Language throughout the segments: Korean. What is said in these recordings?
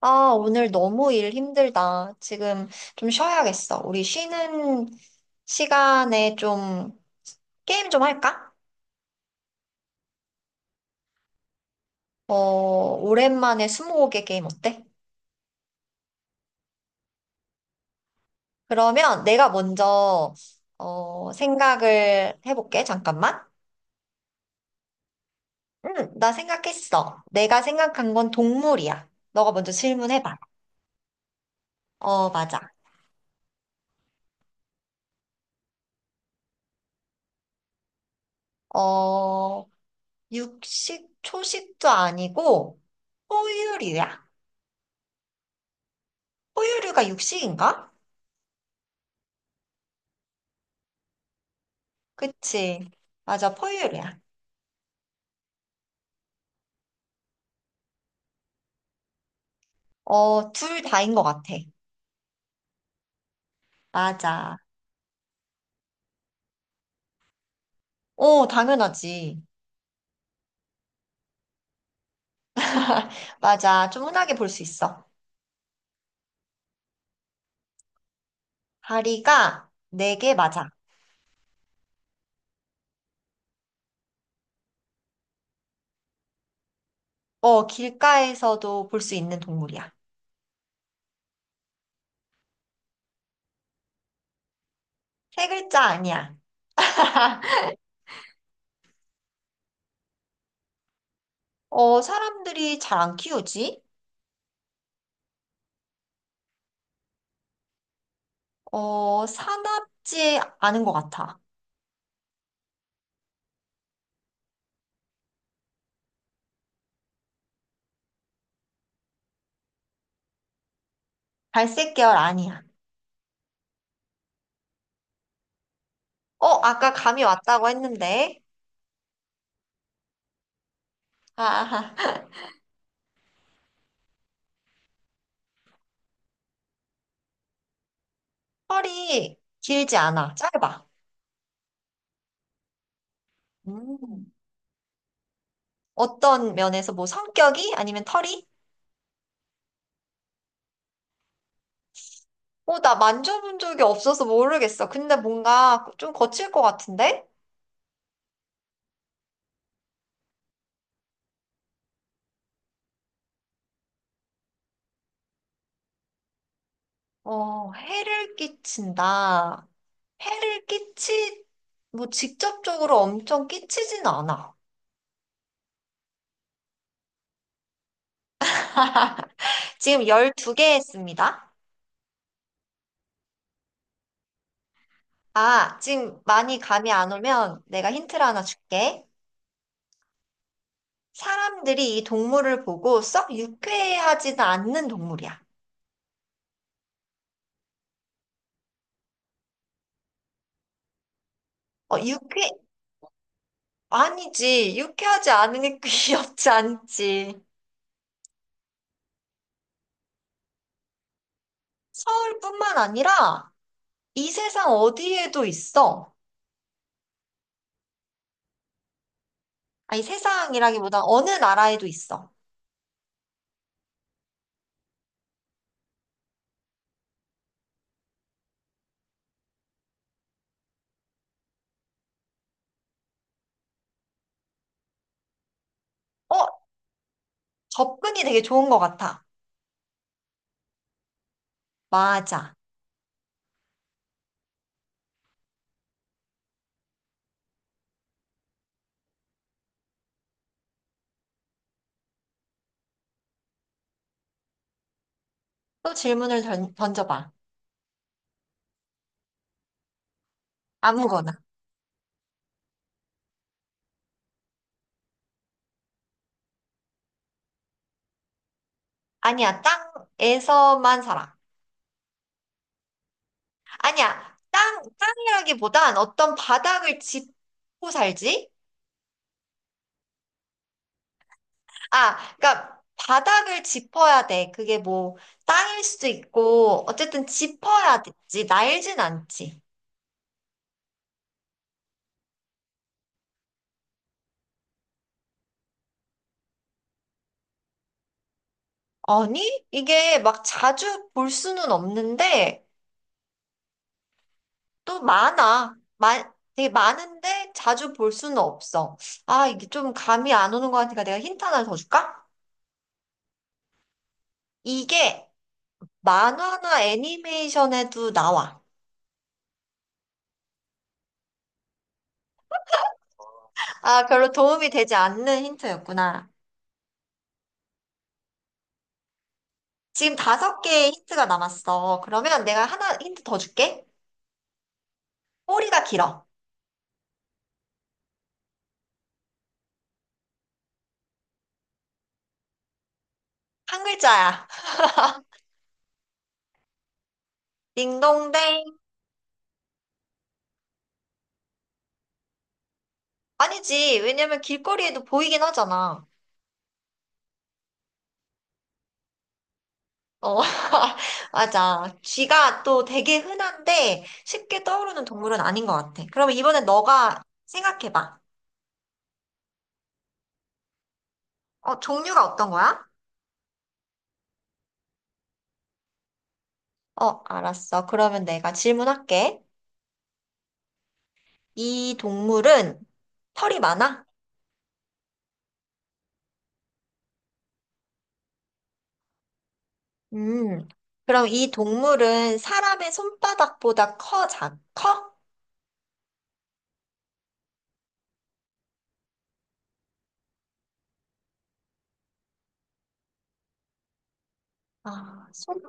아, 오늘 너무 일 힘들다. 지금 좀 쉬어야겠어. 우리 쉬는 시간에 좀 게임 좀 할까? 어, 오랜만에 스무고개 게임 어때? 그러면 내가 먼저 어, 생각을 해볼게. 잠깐만. 응, 나 생각했어. 내가 생각한 건 동물이야. 너가 먼저 질문해봐. 어, 맞아. 어, 육식, 초식도 아니고 포유류야. 포유류가 육식인가? 그치. 맞아, 포유류야. 어, 둘 다인 것 같아. 맞아. 어, 당연하지. 맞아. 좀 흔하게 볼 수 있어. 다리가 4개 맞아. 어, 길가에서도 볼 수 있는 동물이야. 세 글자 아니야. 어, 사람들이 잘 안 키우지? 어, 사납지 않은 것 같아. 갈색 계열 아니야. 어, 아까 감이 왔다고 했는데. 아, 아. 털이 길지 않아. 짧아. 음. 어떤 면에서 뭐 성격이 아니면 털이? 어, 나 만져본 적이 없어서 모르겠어. 근데 뭔가 좀 거칠 것 같은데? 어, 해를 끼친다. 해를 끼치, 뭐 직접적으로 엄청 끼치진 않아. 지금 12개 했습니다. 아, 지금 많이 감이 안 오면 내가 힌트를 하나 줄게. 사람들이 이 동물을 보고 썩 유쾌해하지는 않는 동물이야. 어, 아니지. 유쾌하지 않으니 귀엽지 않지. 서울뿐만 아니라 이 세상 어디에도 있어. 아니, 세상이라기보다 어느 나라에도 있어. 어, 접근이 되게 좋은 것 같아. 맞아. 또 질문을 던져봐. 아무거나. 아니야, 땅에서만 살아. 아니야, 땅이라기보단 어떤 바닥을 짚고 살지? 아, 그러니까 바닥을 짚어야 돼. 그게 뭐 땅일 수도 있고 어쨌든 짚어야 되지. 날진 않지. 아니, 이게 막 자주 볼 수는 없는데 또 많아. 마, 되게 많은데 자주 볼 수는 없어. 아, 이게 좀 감이 안 오는 것 같으니까 내가 힌트 하나 더 줄까? 이게 만화나 애니메이션에도 나와. 아, 별로 도움이 되지 않는 힌트였구나. 지금 다섯 개의 힌트가 남았어. 그러면 내가 하나 힌트 더 줄게. 꼬리가 길어. 한 글자야. 딩동댕. 아니지. 왜냐면 길거리에도 보이긴 하잖아. 어, 맞아. 쥐가 또 되게 흔한데 쉽게 떠오르는 동물은 아닌 것 같아. 그러면 이번엔 너가 생각해봐. 어, 종류가 어떤 거야? 어, 알았어. 그러면 내가 질문할게. 이 동물은 털이 많아? 음. 그럼 이 동물은 사람의 손바닥보다 커, 커? 아, 손?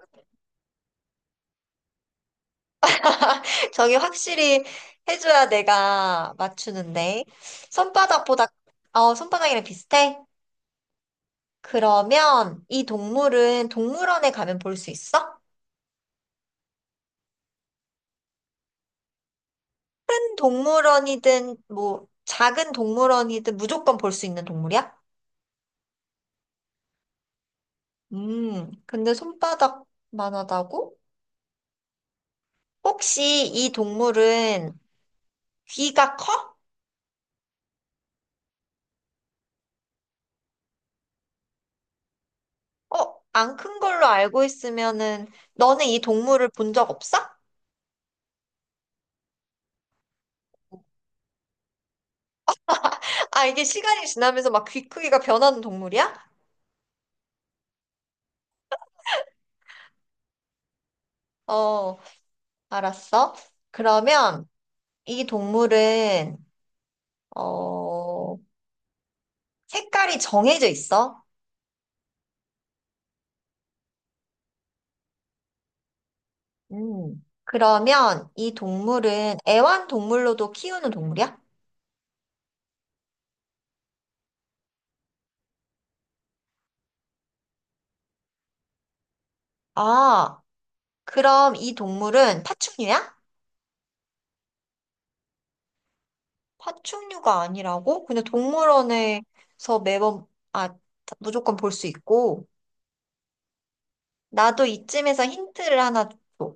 저기 확실히 해줘야 내가 맞추는데. 손바닥보다, 어, 손바닥이랑 비슷해? 그러면 이 동물은 동물원에 가면 볼 수 있어? 큰 동물원이든, 뭐, 작은 동물원이든 무조건 볼 수 있는 동물이야? 근데 손바닥만 하다고? 혹시 이 동물은 귀가 커? 어, 안 큰 걸로 알고 있으면은, 너는 이 동물을 본 적 없어? 아, 이게 시간이 지나면서 막 귀 크기가 변하는 동물이야? 어, 알았어. 그러면 이 동물은, 어, 색깔이 정해져 있어? 음. 그러면 이 동물은 애완동물로도 키우는 동물이야? 아, 그럼 이 동물은 파충류야? 파충류가 아니라고? 그냥 동물원에서 매번, 아, 무조건 볼 수 있고. 나도 이쯤에서 힌트를 하나 줘.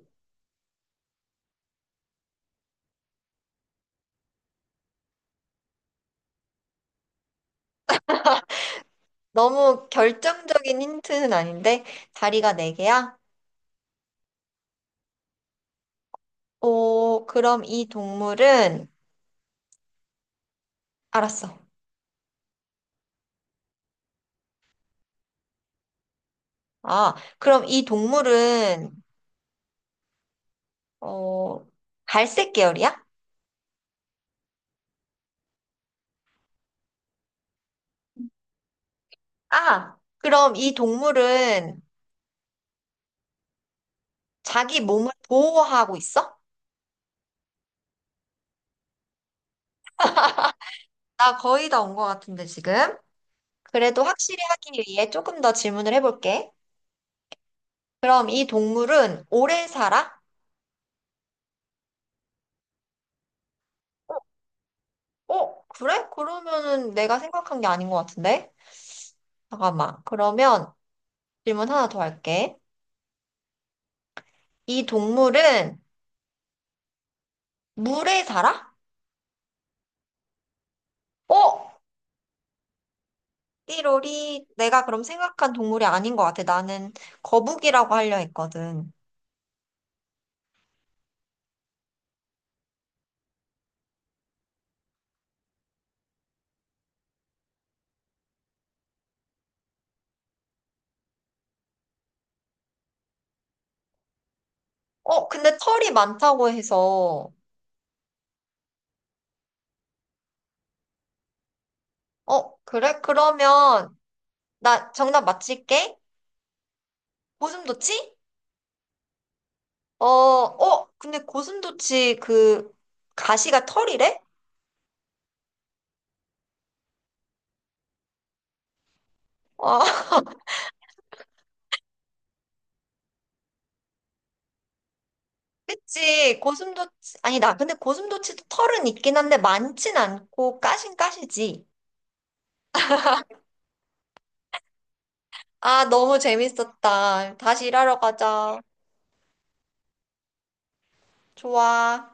너무 결정적인 힌트는 아닌데, 다리가 네 개야? 오, 그럼 이 동물은, 알았어. 아, 그럼 이 동물은, 어, 갈색 계열이야? 아, 그럼 이 동물은 자기 몸을 보호하고 있어? 나 거의 다 온 것 같은데, 지금. 그래도 확실히 하기 위해 조금 더 질문을 해볼게. 그럼 이 동물은 오래 살아? 어, 그래? 그러면은 내가 생각한 게 아닌 것 같은데? 잠깐만. 그러면, 질문 하나 더 할게. 이 동물은 물에 살아? 어? 띠로리, 내가 그럼 생각한 동물이 아닌 것 같아. 나는 거북이라고 하려 했거든. 어, 근데 털이 많다고 해서. 어, 그래? 그러면 나 정답 맞힐게. 고슴도치? 어, 어, 근데 고슴도치 그 가시가 털이래? 어, 그치. 고슴도치, 아니 나 근데 고슴도치도 털은 있긴 한데 많진 않고 까신 까시지. 아, 너무 재밌었다. 다시 일하러 가자. 좋아.